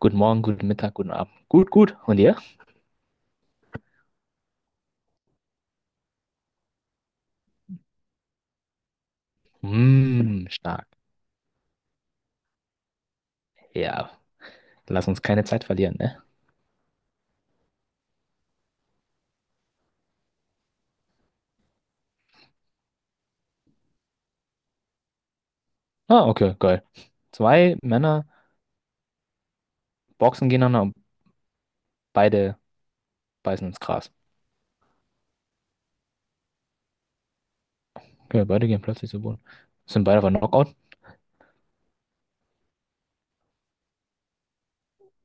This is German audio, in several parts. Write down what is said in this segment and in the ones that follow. Guten Morgen, guten Mittag, guten Abend. Gut, gut. Und ihr? Mm, stark. Ja, lass uns keine Zeit verlieren, ne? Ah, okay, geil. Zwei Männer boxen gegeneinander und beide beißen ins Gras. Okay, beide gehen plötzlich zu Boden. Sind beide aber Knockout?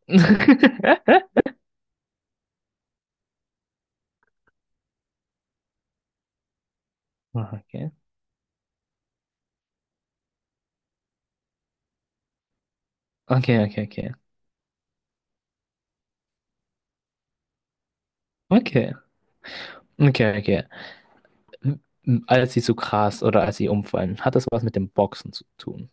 Ah, okay. Okay, okay, okay. Okay. Okay, okay. M- Als sie zu Gras oder als sie umfallen, hat das was mit dem Boxen zu tun?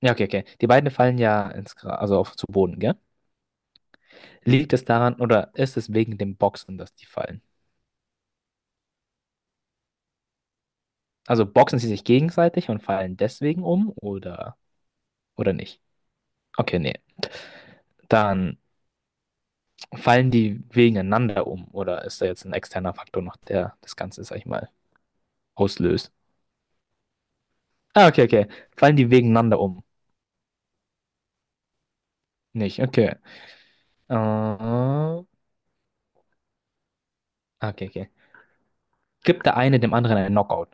Ja, okay, okay. Die beiden fallen ja ins Gras, also auf, zu Boden, gell? Liegt es daran oder ist es wegen dem Boxen, dass die fallen? Also boxen sie sich gegenseitig und fallen deswegen um oder nicht? Okay, nee. Dann fallen die gegeneinander um oder ist da jetzt ein externer Faktor noch, der das Ganze, sag ich mal, auslöst? Ah, okay, okay. Fallen die gegeneinander um? Nicht, okay. Äh, okay, okay. Gibt der eine dem anderen einen Knockout?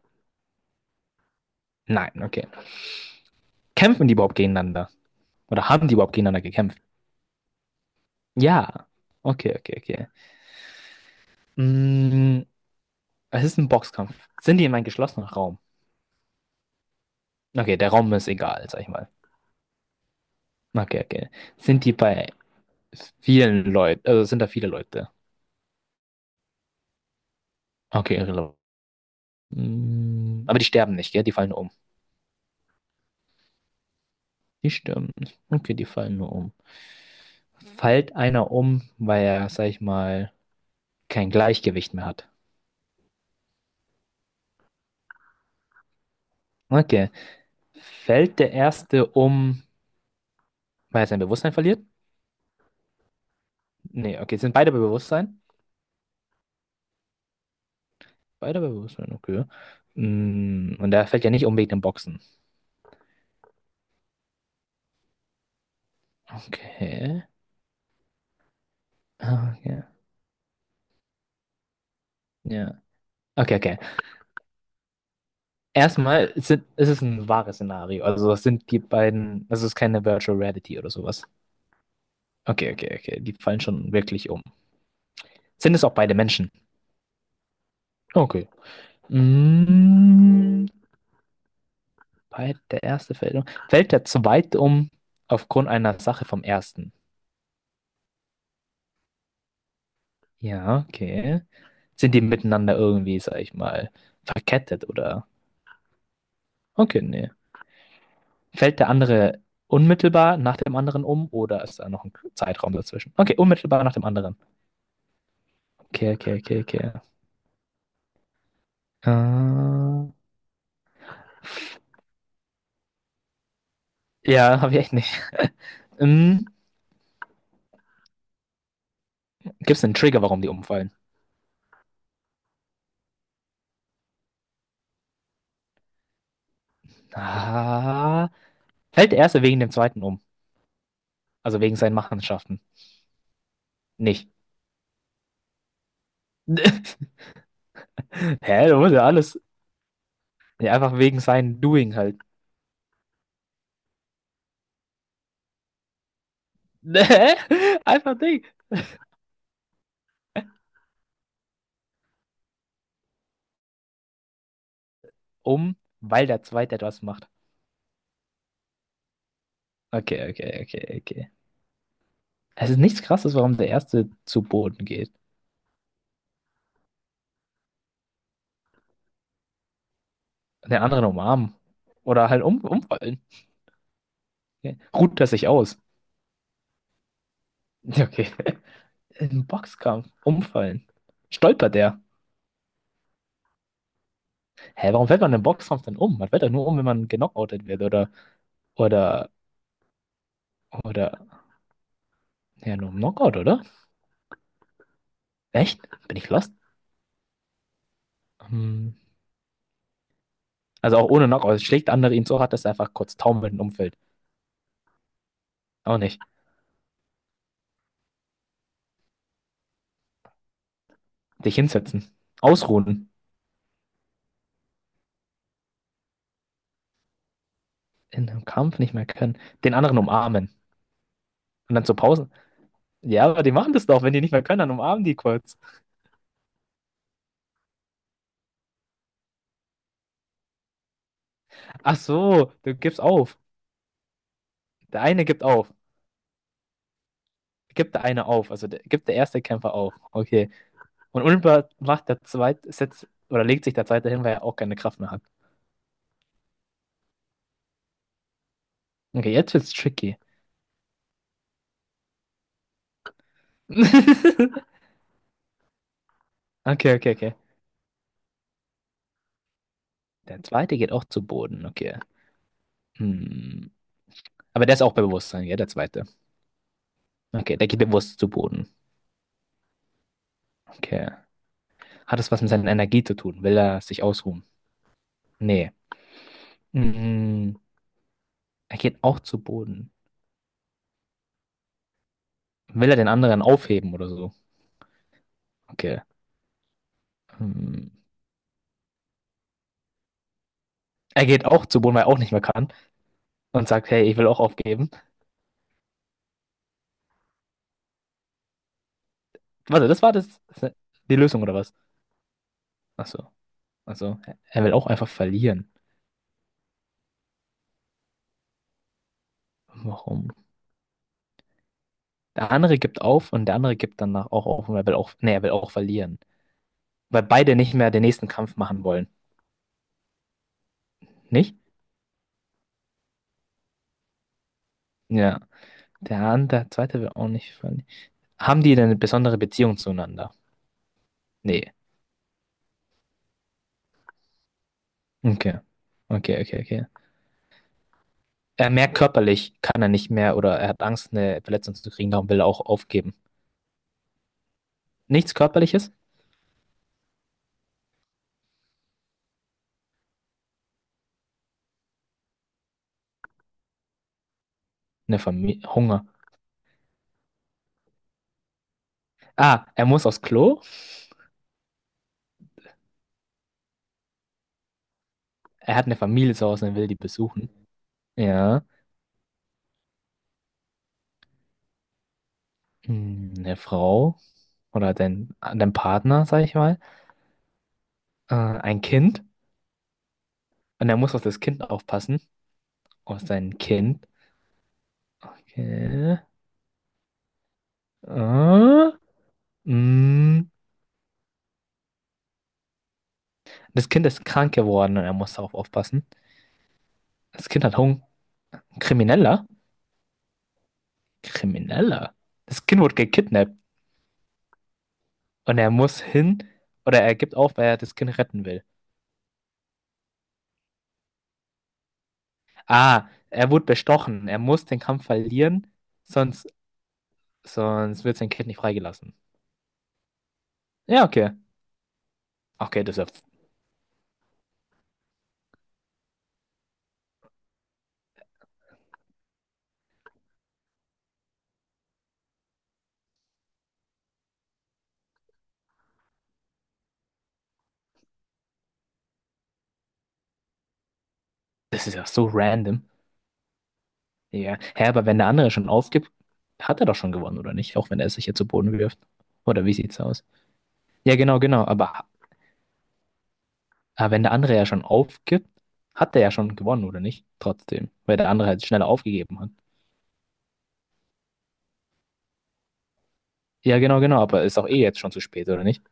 Nein, okay. Kämpfen die überhaupt gegeneinander? Oder haben die überhaupt gegeneinander gekämpft? Ja. Okay, okay, okay. Mm, Es ist ein Boxkampf. Sind die in einem geschlossenen Raum? Okay, der Raum ist egal, sag ich mal. Okay, okay. Sind die bei vielen Leuten, also sind da viele Leute? Okay, irrelevant. Aber die sterben nicht, gell? Die fallen nur um. Die sterben nicht. Okay, die fallen nur um. Fällt einer um, weil er, sag ich mal, kein Gleichgewicht mehr hat? Okay. Fällt der erste um, weil er sein Bewusstsein verliert? Nee, okay, sind beide bei Bewusstsein? Beide bei Bewusstsein, okay. Und der fällt ja nicht um wegen dem Boxen. Okay. Ah, okay. Ja. Okay, okay. Erstmal es ist ein wahres Szenario. Also es sind die beiden, also es ist keine Virtual Reality oder sowas. Okay, okay, okay. Die fallen schon wirklich um. Sind es auch beide Menschen? Okay. Mm, bei Der erste fällt um. Fällt der zweite um aufgrund einer Sache vom ersten? Ja, okay. Sind die miteinander irgendwie, sag ich mal, verkettet oder? Okay, nee. Fällt der andere unmittelbar nach dem anderen um oder ist da noch ein Zeitraum dazwischen? Okay, unmittelbar nach dem anderen. Okay, okay, okay, okay. Äh, ja, habe ich echt nicht. Ähm, Gibt es einen Trigger, warum die umfallen? Ah, fällt der erste wegen dem zweiten um. Also wegen seinen Machenschaften. Nicht. Hä, du musst ja alles. Ja, einfach wegen seinem Doing halt. Hä? Einfach Ding. Um, Weil der zweite etwas macht. Okay, okay, okay, okay. Es ist nichts Krasses, warum der erste zu Boden geht. Und den anderen umarmen. Oder halt umfallen. Okay. Ruht er sich aus. Okay. Im Boxkampf umfallen. Stolpert der? Hä, warum fällt man im Boxkampf dann um? Man fällt doch nur um, wenn man genockoutet wird oder, oder, ja, nur im Knockout, oder? Echt? Bin ich lost? Hm. Also auch ohne Knockout. Schlägt der andere ihn so hart, dass er einfach kurz taumelnd umfällt. Auch nicht. Dich hinsetzen. Ausruhen. In einem Kampf nicht mehr können. Den anderen umarmen. Und dann zur Pause. Ja, aber die machen das doch. Wenn die nicht mehr können, dann umarmen die kurz. Ach so, du gibst auf. Der eine gibt auf. Gibt der eine auf. Also gibt der erste Kämpfer auf. Okay. Und unmittelbar macht der zweite, setzt, oder legt sich der zweite hin, weil er auch keine Kraft mehr hat. Okay, jetzt wird's tricky. Okay, okay, okay. Der zweite geht auch zu Boden, okay. Hm. Aber der ist auch bei Bewusstsein, ja, der zweite. Okay, der geht bewusst zu Boden. Okay. Hat es was mit seiner Energie zu tun? Will er sich ausruhen? Nee. Hm. Er geht auch zu Boden. Will er den anderen aufheben oder so? Okay. Hm. Er geht auch zu Boden, weil er auch nicht mehr kann und sagt, hey, ich will auch aufgeben. Warte, das war die Lösung oder was? Achso. Also, er will auch einfach verlieren. Warum? Der andere gibt auf und der andere gibt danach auch auf und er will auch, nee, er will auch verlieren. Weil beide nicht mehr den nächsten Kampf machen wollen. Nicht? Ja. Der andere, der zweite will auch nicht verlieren. Haben die denn eine besondere Beziehung zueinander? Nee. Okay. Okay, okay, okay. Er merkt körperlich, kann er nicht mehr oder er hat Angst, eine Verletzung zu kriegen, darum will er auch aufgeben. Nichts Körperliches? Eine Familie, Hunger. Ah, er muss aufs Klo? Er hat eine Familie zu Hause und will die besuchen. Ja. Eine Frau oder dein Partner, sag ich mal, ein Kind und er muss auf das Kind aufpassen, auf sein Kind. Okay. Äh, mm, Das Kind ist krank geworden und er muss darauf aufpassen. Das Kind hat Hunger. Krimineller? Krimineller? Das Kind wurde gekidnappt und er muss hin oder er gibt auf, weil er das Kind retten will. Ah, er wurde bestochen. Er muss den Kampf verlieren, sonst, sonst wird sein Kind nicht freigelassen. Ja, okay. Okay, das ist ja so random. Ja. Hä, aber wenn der andere schon aufgibt, hat er doch schon gewonnen, oder nicht? Auch wenn er es sich jetzt zu Boden wirft. Oder wie sieht's aus? Ja, genau, genau. Aber wenn der andere ja schon aufgibt, hat er ja schon gewonnen, oder nicht? Trotzdem. Weil der andere halt schneller aufgegeben hat. Ja, genau, genau. Aber ist auch eh jetzt schon zu spät, oder nicht?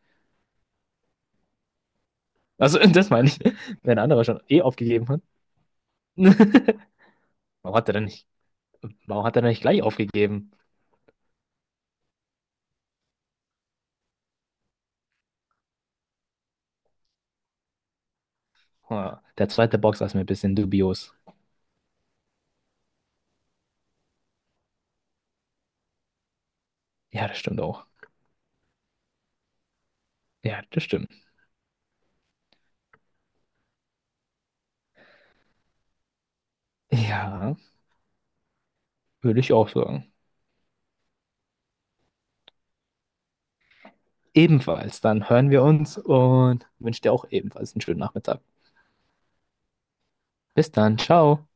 Also, das meine ich. Wenn der andere schon eh aufgegeben hat. Warum hat er denn nicht, Warum hat er denn nicht gleich aufgegeben? Ah, der zweite Boxer ist mir ein bisschen dubios. Ja, das stimmt auch. Ja, das stimmt. Ja, würde ich auch sagen. Ebenfalls, dann hören wir uns und wünsche dir auch ebenfalls einen schönen Nachmittag. Bis dann, ciao.